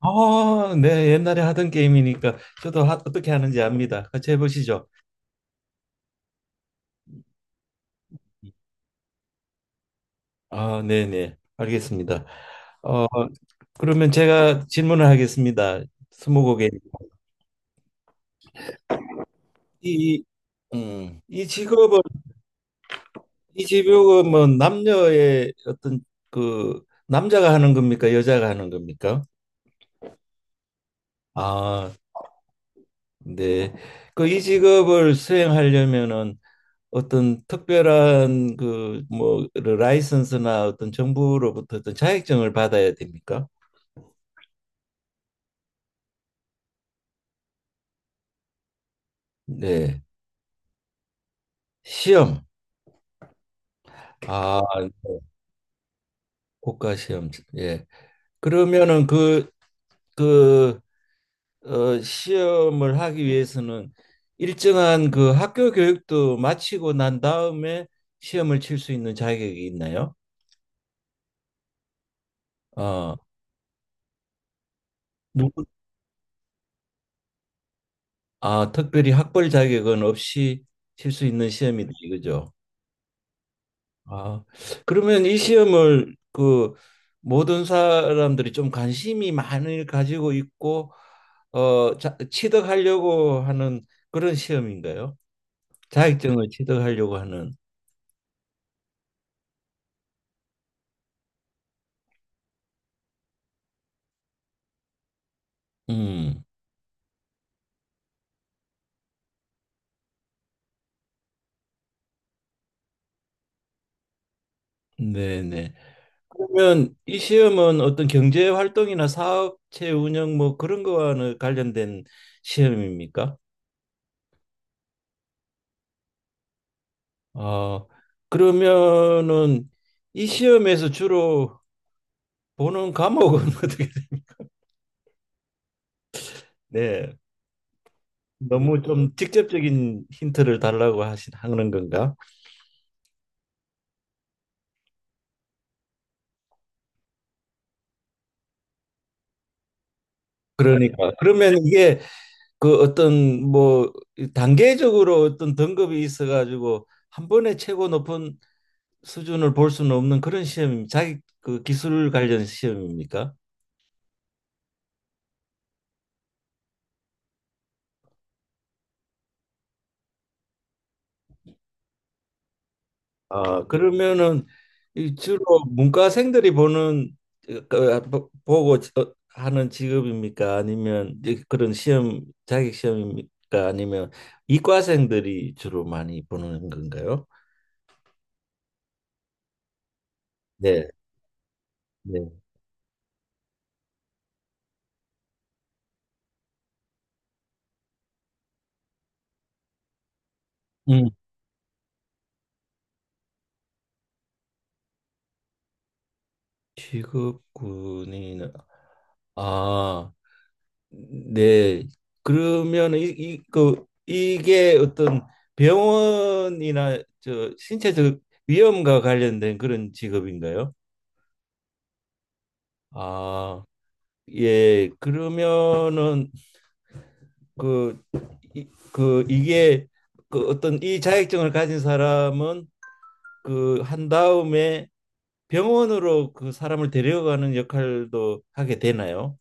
아, 네, 옛날에 하던 게임이니까 저도 하, 어떻게 하는지 압니다. 같이 해보시죠. 아, 네, 네, 알겠습니다. 어, 그러면 제가 질문을 하겠습니다. 스무고개. 이, 이 직업은 뭐 남녀의 어떤 그 남자가 하는 겁니까? 여자가 하는 겁니까? 아, 네. 그 이 직업을 수행하려면은 어떤 특별한 그 뭐 라이선스나 어떤 정부로부터 어떤 자격증을 받아야 됩니까? 네. 시험. 아, 국가 시험. 예. 그러면은 그 그 시험을 하기 위해서는 일정한 그 학교 교육도 마치고 난 다음에 시험을 칠 수 있는 자격이 있나요? 어, 누구, 아, 특별히 학벌 자격은 없이 칠 수 있는 시험이다 이거죠. 아, 그러면 이 시험을 그 모든 사람들이 좀 관심이 많이 가지고 있고 어, 자, 취득하려고 하는 그런 시험인가요? 자격증을 취득하려고 하는. 음, 네네. 그러면 이 시험은 어떤 경제 활동이나 사업체 운영 뭐 그런 거와는 관련된 시험입니까? 어, 그러면은 이 시험에서 주로 보는 과목은 어떻게, 돼? 네. 너무 좀 직접적인 힌트를 달라고 하시, 하는 건가? 그러니까 그러면 이게 그 어떤 뭐 단계적으로 어떤 등급이 있어가지고 한 번에 최고 높은 수준을 볼 수는 없는 그런 시험입니다. 자기 그 기술 관련 시험입니까? 아, 그러면은 이 주로 문과생들이 보는 그, 보- 보고 어, 하는 직업입니까? 아니면 이제 그런 시험 자격 시험입니까? 아니면 이과생들이 주로 많이 보는 건가요? 네, 네. 음. 직업군인 아, 네. 그러면 이, 이, 그, 이게 어떤 병원이나 저 신체적 위험과 관련된 그런 직업인가요? 아, 예, 그러면은 그, 이, 그 이게 그 어떤 이 자격증을 가진 사람은 그 한 다음에 병원으로 그 사람을 데려가는 역할도 하게 되나요?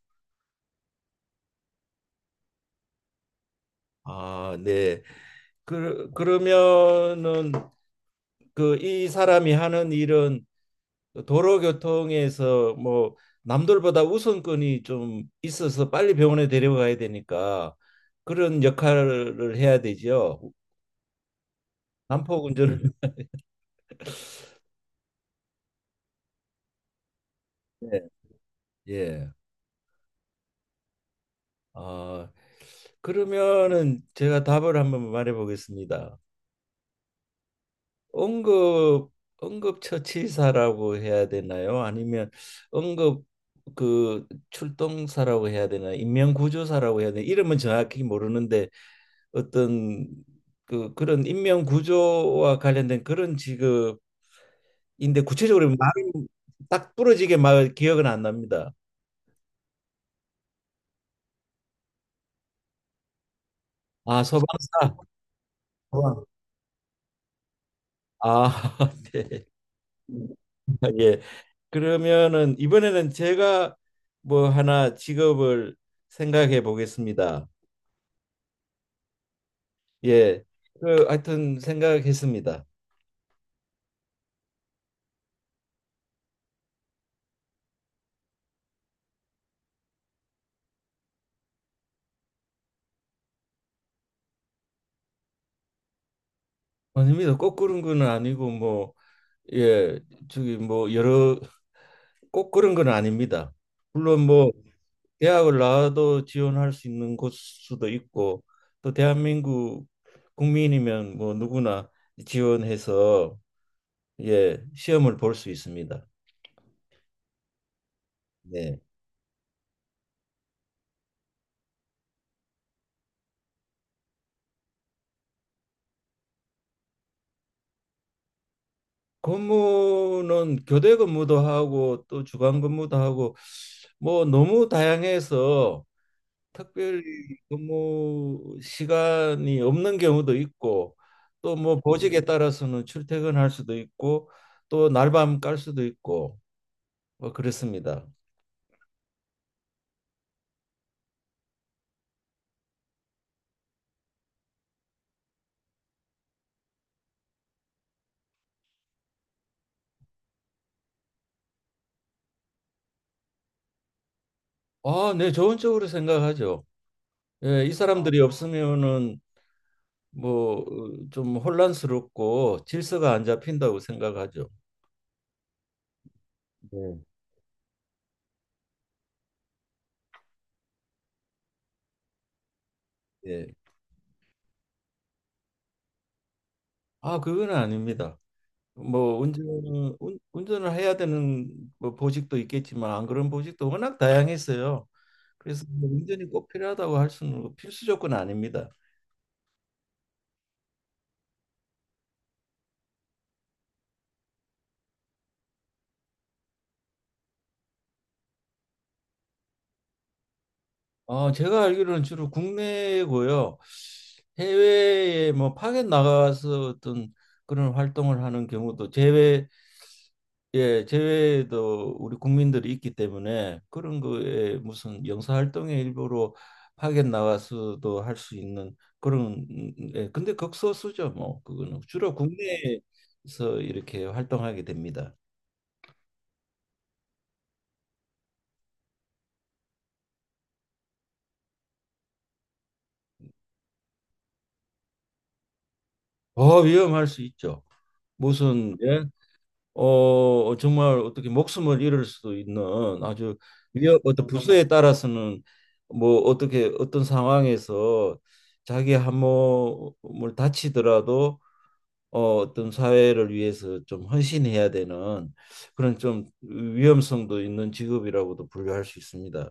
아, 네. 그, 그러면은 그 이 사람이 하는 일은 도로교통에서 뭐 남들보다 우선권이 좀 있어서 빨리 병원에 데려가야 되니까 그런 역할을 해야 되죠. 난폭운전을 네. 예. 아, 그러면은 제가 답을 한번 말해 보겠습니다. 응급 응급처치사라고 해야 되나요? 아니면 응급 그 출동사라고 해야 되나? 인명구조사라고 해야 되나? 이름은 정확히 모르는데 어떤 그 그런 인명구조와 관련된 그런 직업인데 구체적으로 말이 딱 부러지게 막 기억은 안 납니다. 아, 소방사. 소방. 아, 네. 예. 그러면은 이번에는 제가 뭐 하나 직업을 생각해 보겠습니다. 예. 그 하여튼 생각했습니다. 아닙니다. 꼭 그런 건 아니고 뭐 예, 저기 뭐 여러 꼭 그런 건 아닙니다. 물론 뭐 대학을 나와도 지원할 수 있는 곳 수도 있고 또 대한민국 국민이면 뭐 누구나 지원해서 예, 시험을 볼 수 있습니다. 네. 근무는 교대 근무도 하고 또 주간 근무도 하고 뭐 너무 다양해서 특별히 근무 시간이 없는 경우도 있고 또 뭐 보직에 따라서는 출퇴근할 수도 있고 또 날밤 깔 수도 있고 뭐 그렇습니다. 아, 네, 좋은 쪽으로 생각하죠. 예, 이 사람들이 없으면은 뭐 좀 혼란스럽고 질서가 안 잡힌다고 생각하죠. 네. 예. 아, 그건 아닙니다. 뭐 운전 운전을 해야 되는 뭐 보직도 있겠지만 안 그런 보직도 워낙 다양했어요. 그래서 뭐 운전이 꼭 필요하다고 할 수는 없고 필수 조건 아닙니다. 제가 알기로는 주로 국내고요. 해외에 뭐 파견 나가서 어떤 그런 활동을 하는 경우도 제외 예, 제외도 우리 국민들이 있기 때문에 그런 거에 무슨 영사활동의 일부로 파견 나와서도 할 수 있는 그런 예, 근데 극소수죠 뭐 그거는 주로 국내에서 이렇게 활동하게 됩니다. 어 위험할 수 있죠. 무슨 예? 어 정말 어떻게 목숨을 잃을 수도 있는 아주 위험 어떤 부서에 따라서는 뭐 어떻게 어떤 상황에서 자기 한몸을 다치더라도 어떤 사회를 위해서 좀 헌신해야 되는 그런 좀 위험성도 있는 직업이라고도 분류할 수 있습니다.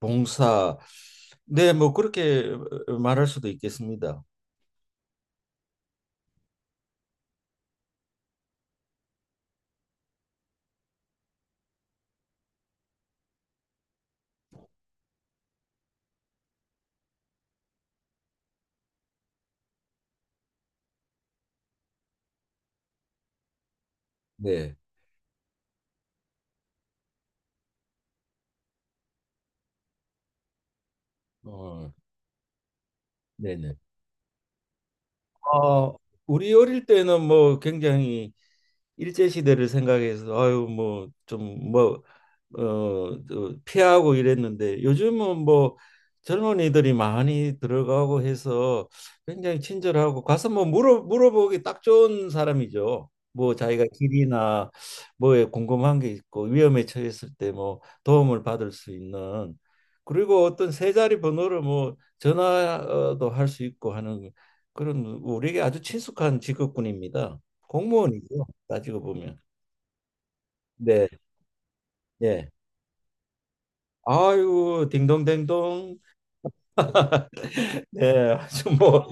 봉사. 네, 뭐 그렇게 말할 수도 있겠습니다. 네. 어, 네네. 어, 우리 어릴 때는 뭐 굉장히 일제 시대를 생각해서 아유 뭐 좀 뭐 어 피하고 이랬는데 요즘은 뭐 젊은이들이 많이 들어가고 해서 굉장히 친절하고 가서 뭐 물어보기 딱 좋은 사람이죠. 뭐 자기가 길이나 뭐에 궁금한 게 있고 위험에 처했을 때 뭐 도움을 받을 수 있는 그리고 어떤 세 자리 번호를 뭐 전화도 할 수 있고 하는 그런 우리에게 아주 친숙한 직업군입니다. 공무원이죠. 따지고 보면. 네, 예. 아유, 딩동댕동. 네, 아주 뭐,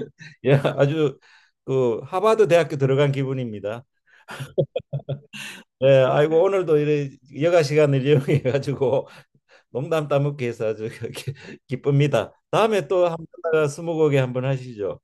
예, 아주 그 하버드 대학교 들어간 기분입니다. 네, 아이고 오늘도 이래 여가 시간을 이용해 가지고 농담 따먹기 해서 아주 기쁩니다. 다음에 또 한번 나가 스무고개 한번 하시죠.